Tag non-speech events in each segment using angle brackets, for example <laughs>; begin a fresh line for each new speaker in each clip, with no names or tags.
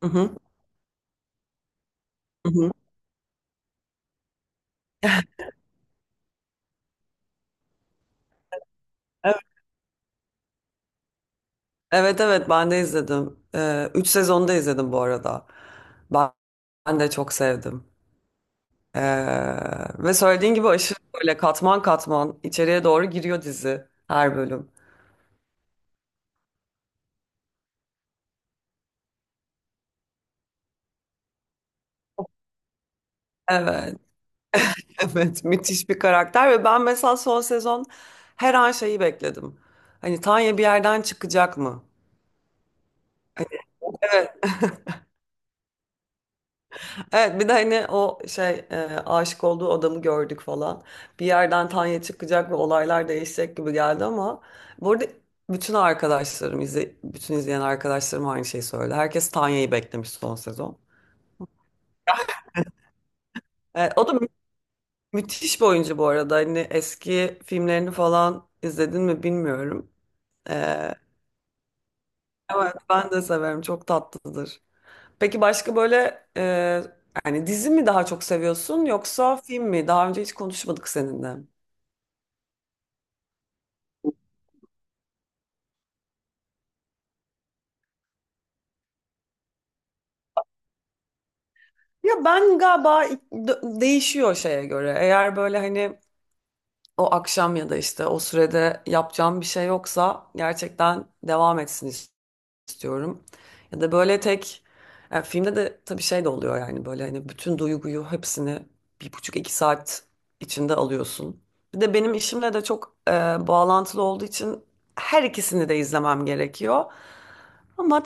Hı hı, hı hı. <laughs> Evet evet evet, ben de izledim. Üç sezonda izledim bu arada. Ben, ben de çok sevdim. Ee, Ve söylediğin gibi aşırı böyle katman katman içeriye doğru giriyor dizi her bölüm. Evet, <laughs> evet müthiş bir karakter ve ben mesela son sezon her an şeyi bekledim. Hani Tanya bir yerden çıkacak mı? Hani, evet. <laughs> Evet bir de hani o şey, aşık olduğu adamı gördük falan. Bir yerden Tanya çıkacak ve olaylar değişecek gibi geldi ama bu arada bütün izleyen arkadaşlarım aynı şeyi söyledi. Herkes Tanya'yı beklemiş son sezon. O da müthiş bir oyuncu bu arada. Hani eski filmlerini falan izledin mi bilmiyorum. E, evet ben de severim. Çok tatlıdır. Peki başka böyle yani dizi mi daha çok seviyorsun yoksa film mi? Daha önce hiç konuşmadık seninle. Ya ben galiba değişiyor şeye göre. Eğer böyle hani o akşam ya da işte o sürede yapacağım bir şey yoksa gerçekten devam etsin istiyorum. Ya da böyle tek, ya filmde de tabii şey de oluyor yani böyle hani bütün duyguyu hepsini bir buçuk iki saat içinde alıyorsun. Bir de benim işimle de çok bağlantılı olduğu için her ikisini de izlemem gerekiyor. Ama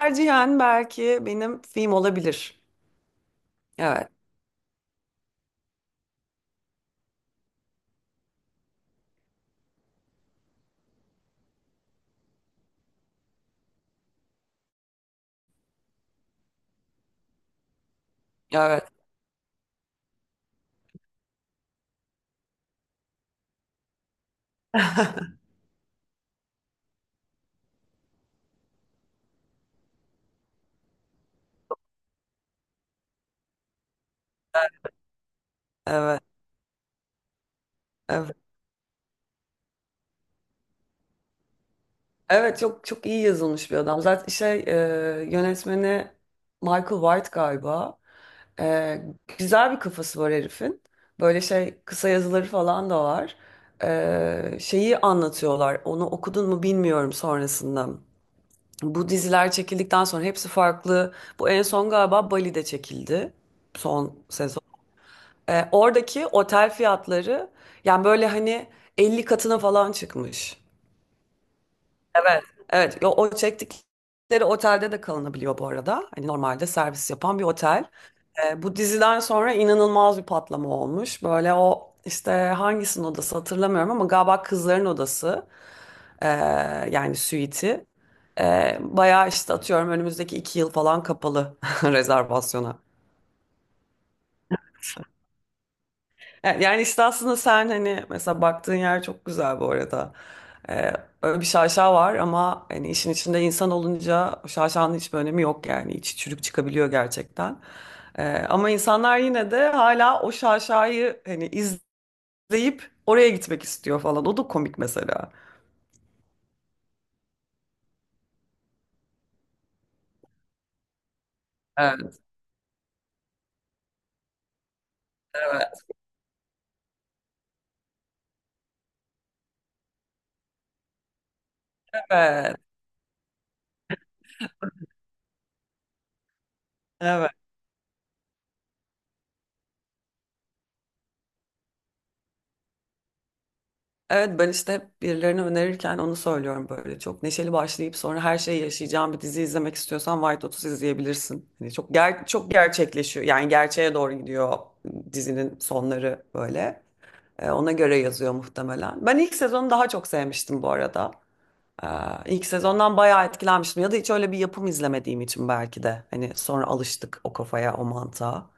tercihen belki benim film olabilir. Evet, evet. <laughs> Evet, evet. Evet çok çok iyi yazılmış bir adam. Zaten şey, yönetmeni Michael White galiba. E, Güzel bir kafası var herifin. Böyle şey kısa yazıları falan da var. Şeyi anlatıyorlar. Onu okudun mu bilmiyorum sonrasında. Bu diziler çekildikten sonra hepsi farklı. Bu en son galiba Bali'de çekildi. Son sezon. Oradaki otel fiyatları yani böyle hani 50 katına falan çıkmış. Evet, evet. Yo, o çektikleri otelde de kalınabiliyor bu arada. Hani normalde servis yapan bir otel. Bu diziden sonra inanılmaz bir patlama olmuş. Böyle o işte hangisinin odası hatırlamıyorum ama galiba kızların odası ee, yani suite'i. Bayağı işte atıyorum önümüzdeki 2 yıl falan kapalı <laughs> rezervasyona. Yani işte aslında sen hani mesela baktığın yer çok güzel bu arada. Ee, Öyle bir şaşa var ama hani işin içinde insan olunca o şaşanın hiçbir önemi yok yani. İçi çürük çıkabiliyor gerçekten. Ama insanlar yine de hala o şaşayı hani izleyip oraya gitmek istiyor falan. O da komik mesela. Evet, evet, evet. Evet ben işte hep birilerine önerirken onu söylüyorum böyle. Çok neşeli başlayıp sonra her şeyi yaşayacağın bir dizi izlemek istiyorsan White Lotus izleyebilirsin. Hani çok çok gerçekleşiyor. Yani gerçeğe doğru gidiyor dizinin sonları böyle. Ona göre yazıyor muhtemelen. Ben ilk sezonu daha çok sevmiştim bu arada. Ee, ilk sezondan bayağı etkilenmiştim. Ya da hiç öyle bir yapım izlemediğim için belki de. Hani sonra alıştık o kafaya, o mantığa.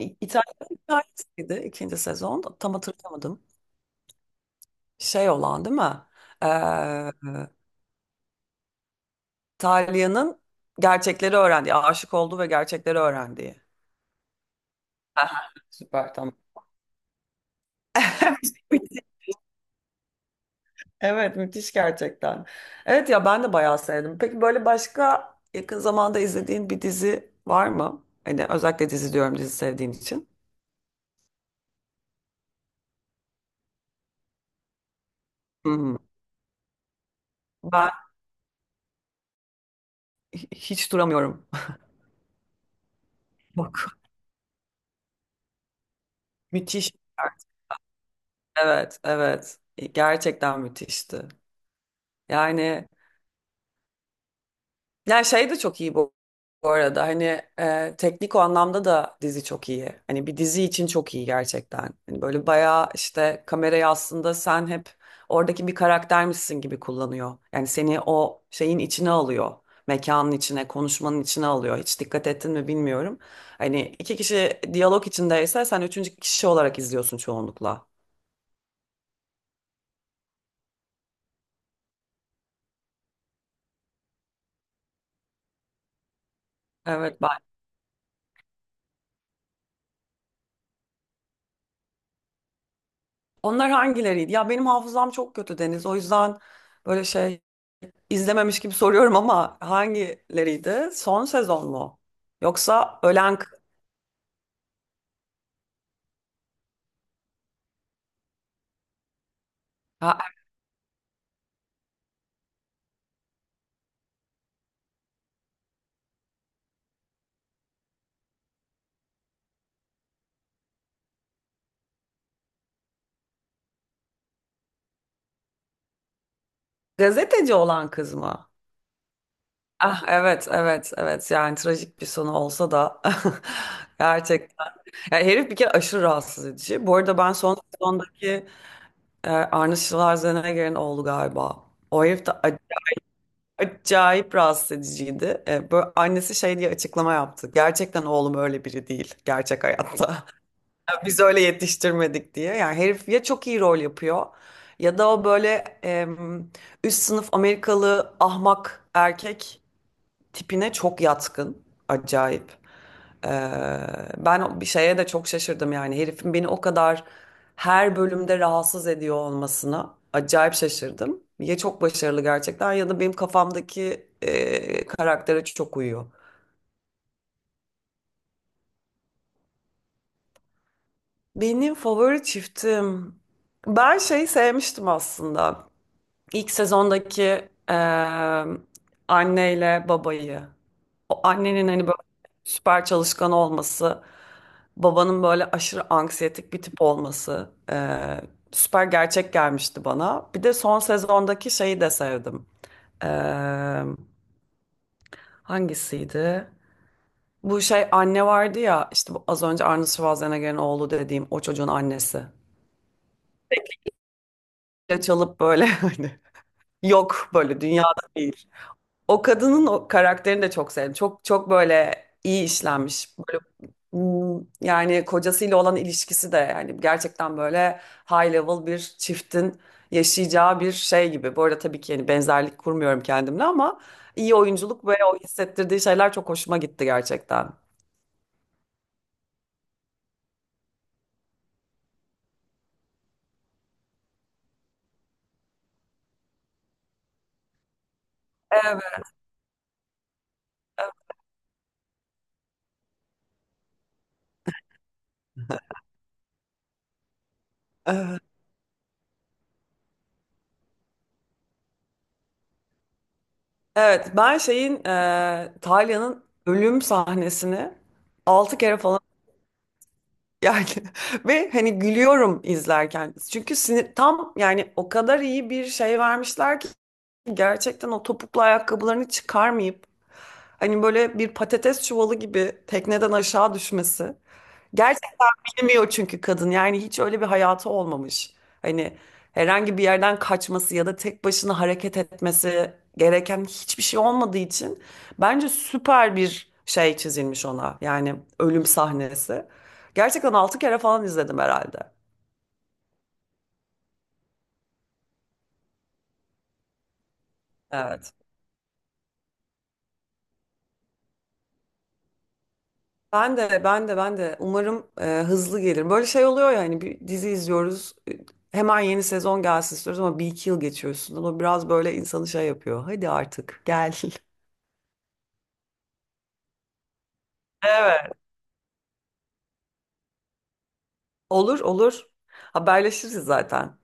İtalya hikayesiydi ikinci sezon. Tam hatırlamadım. Şey olan değil mi? Ee, Talia'nın gerçekleri öğrendiği, aşık olduğu ve gerçekleri öğrendiği. Aha, süper tamam. <laughs> Evet, müthiş gerçekten. Evet ya ben de bayağı sevdim. Peki böyle başka yakın zamanda izlediğin bir dizi var mı? Hani özellikle dizi diyorum dizi sevdiğin için. Hmm. Ben hiç duramıyorum. <laughs> Yok. Müthiş. Evet, evet, gerçekten müthişti. Yani, ya şey de çok iyi bu, bu arada. Hani teknik o anlamda da dizi çok iyi. Hani bir dizi için çok iyi gerçekten. Hani böyle bayağı işte kamerayı aslında sen hep oradaki bir karaktermişsin gibi kullanıyor. Yani seni o şeyin içine alıyor. Mekanın içine, konuşmanın içine alıyor. Hiç dikkat ettin mi bilmiyorum. Hani iki kişi diyalog içindeyse sen üçüncü kişi olarak izliyorsun çoğunlukla. Evet ben. Onlar hangileriydi? Ya benim hafızam çok kötü, Deniz. O yüzden böyle şey, İzlememiş gibi soruyorum ama hangileriydi? Son sezon mu? Yoksa ölen ha, gazeteci olan kız mı? Ah evet, evet, evet, yani trajik bir sonu olsa da <laughs> gerçekten. Yani herif bir kere aşırı rahatsız edici. Bu arada ben son sezondaki Arnold Schwarzenegger'in oğlu galiba. O herif de acayip rahatsız ediciydi. Böyle annesi şey diye açıklama yaptı. Gerçekten oğlum öyle biri değil gerçek hayatta. <laughs> Biz öyle yetiştirmedik diye. Yani herif ya çok iyi rol yapıyor ya da o böyle em, üst sınıf Amerikalı ahmak erkek tipine çok yatkın. Acayip. Ee, Ben bir şeye de çok şaşırdım, yani herifin beni o kadar her bölümde rahatsız ediyor olmasına acayip şaşırdım. Ya çok başarılı gerçekten ya da benim kafamdaki karaktere çok uyuyor. Benim favori çiftim, ben şey sevmiştim aslında. İlk sezondaki eee anneyle babayı. O annenin hani böyle süper çalışkan olması, babanın böyle aşırı anksiyetik bir tip olması, süper gerçek gelmişti bana. Bir de son sezondaki şeyi de sevdim. Eee, Hangisiydi? Bu şey anne vardı ya, işte bu az önce Arnold Schwarzenegger'in oğlu dediğim o çocuğun annesi. Çalıp böyle, <laughs> hani yok böyle dünyada değil. O kadının o karakterini de çok sevdim. Çok çok böyle iyi işlenmiş. Böyle, yani kocasıyla olan ilişkisi de yani gerçekten böyle high level bir çiftin yaşayacağı bir şey gibi. Bu arada tabii ki yani benzerlik kurmuyorum kendimle ama iyi oyunculuk ve o hissettirdiği şeyler çok hoşuma gitti gerçekten. Evet. Evet, ben şeyin, Talya'nın ölüm sahnesini 6 kere falan, <laughs> yani, ve hani gülüyorum izlerken. Çünkü sinir tam, yani o kadar iyi bir şey vermişler ki gerçekten o topuklu ayakkabılarını çıkarmayıp hani böyle bir patates çuvalı gibi tekneden aşağı düşmesi. Gerçekten bilmiyor çünkü kadın. Yani hiç öyle bir hayatı olmamış. Hani herhangi bir yerden kaçması ya da tek başına hareket etmesi gereken hiçbir şey olmadığı için bence süper bir şey çizilmiş ona. Yani ölüm sahnesi. Gerçekten 6 kere falan izledim herhalde. Evet. Ben de umarım hızlı gelir. Böyle şey oluyor ya hani bir dizi izliyoruz. Hemen yeni sezon gelsin istiyoruz ama bir iki yıl geçiyor üstünden. O biraz böyle insanı şey yapıyor. Hadi artık gel. <laughs> Evet. Olur olur. Haberleşiriz zaten.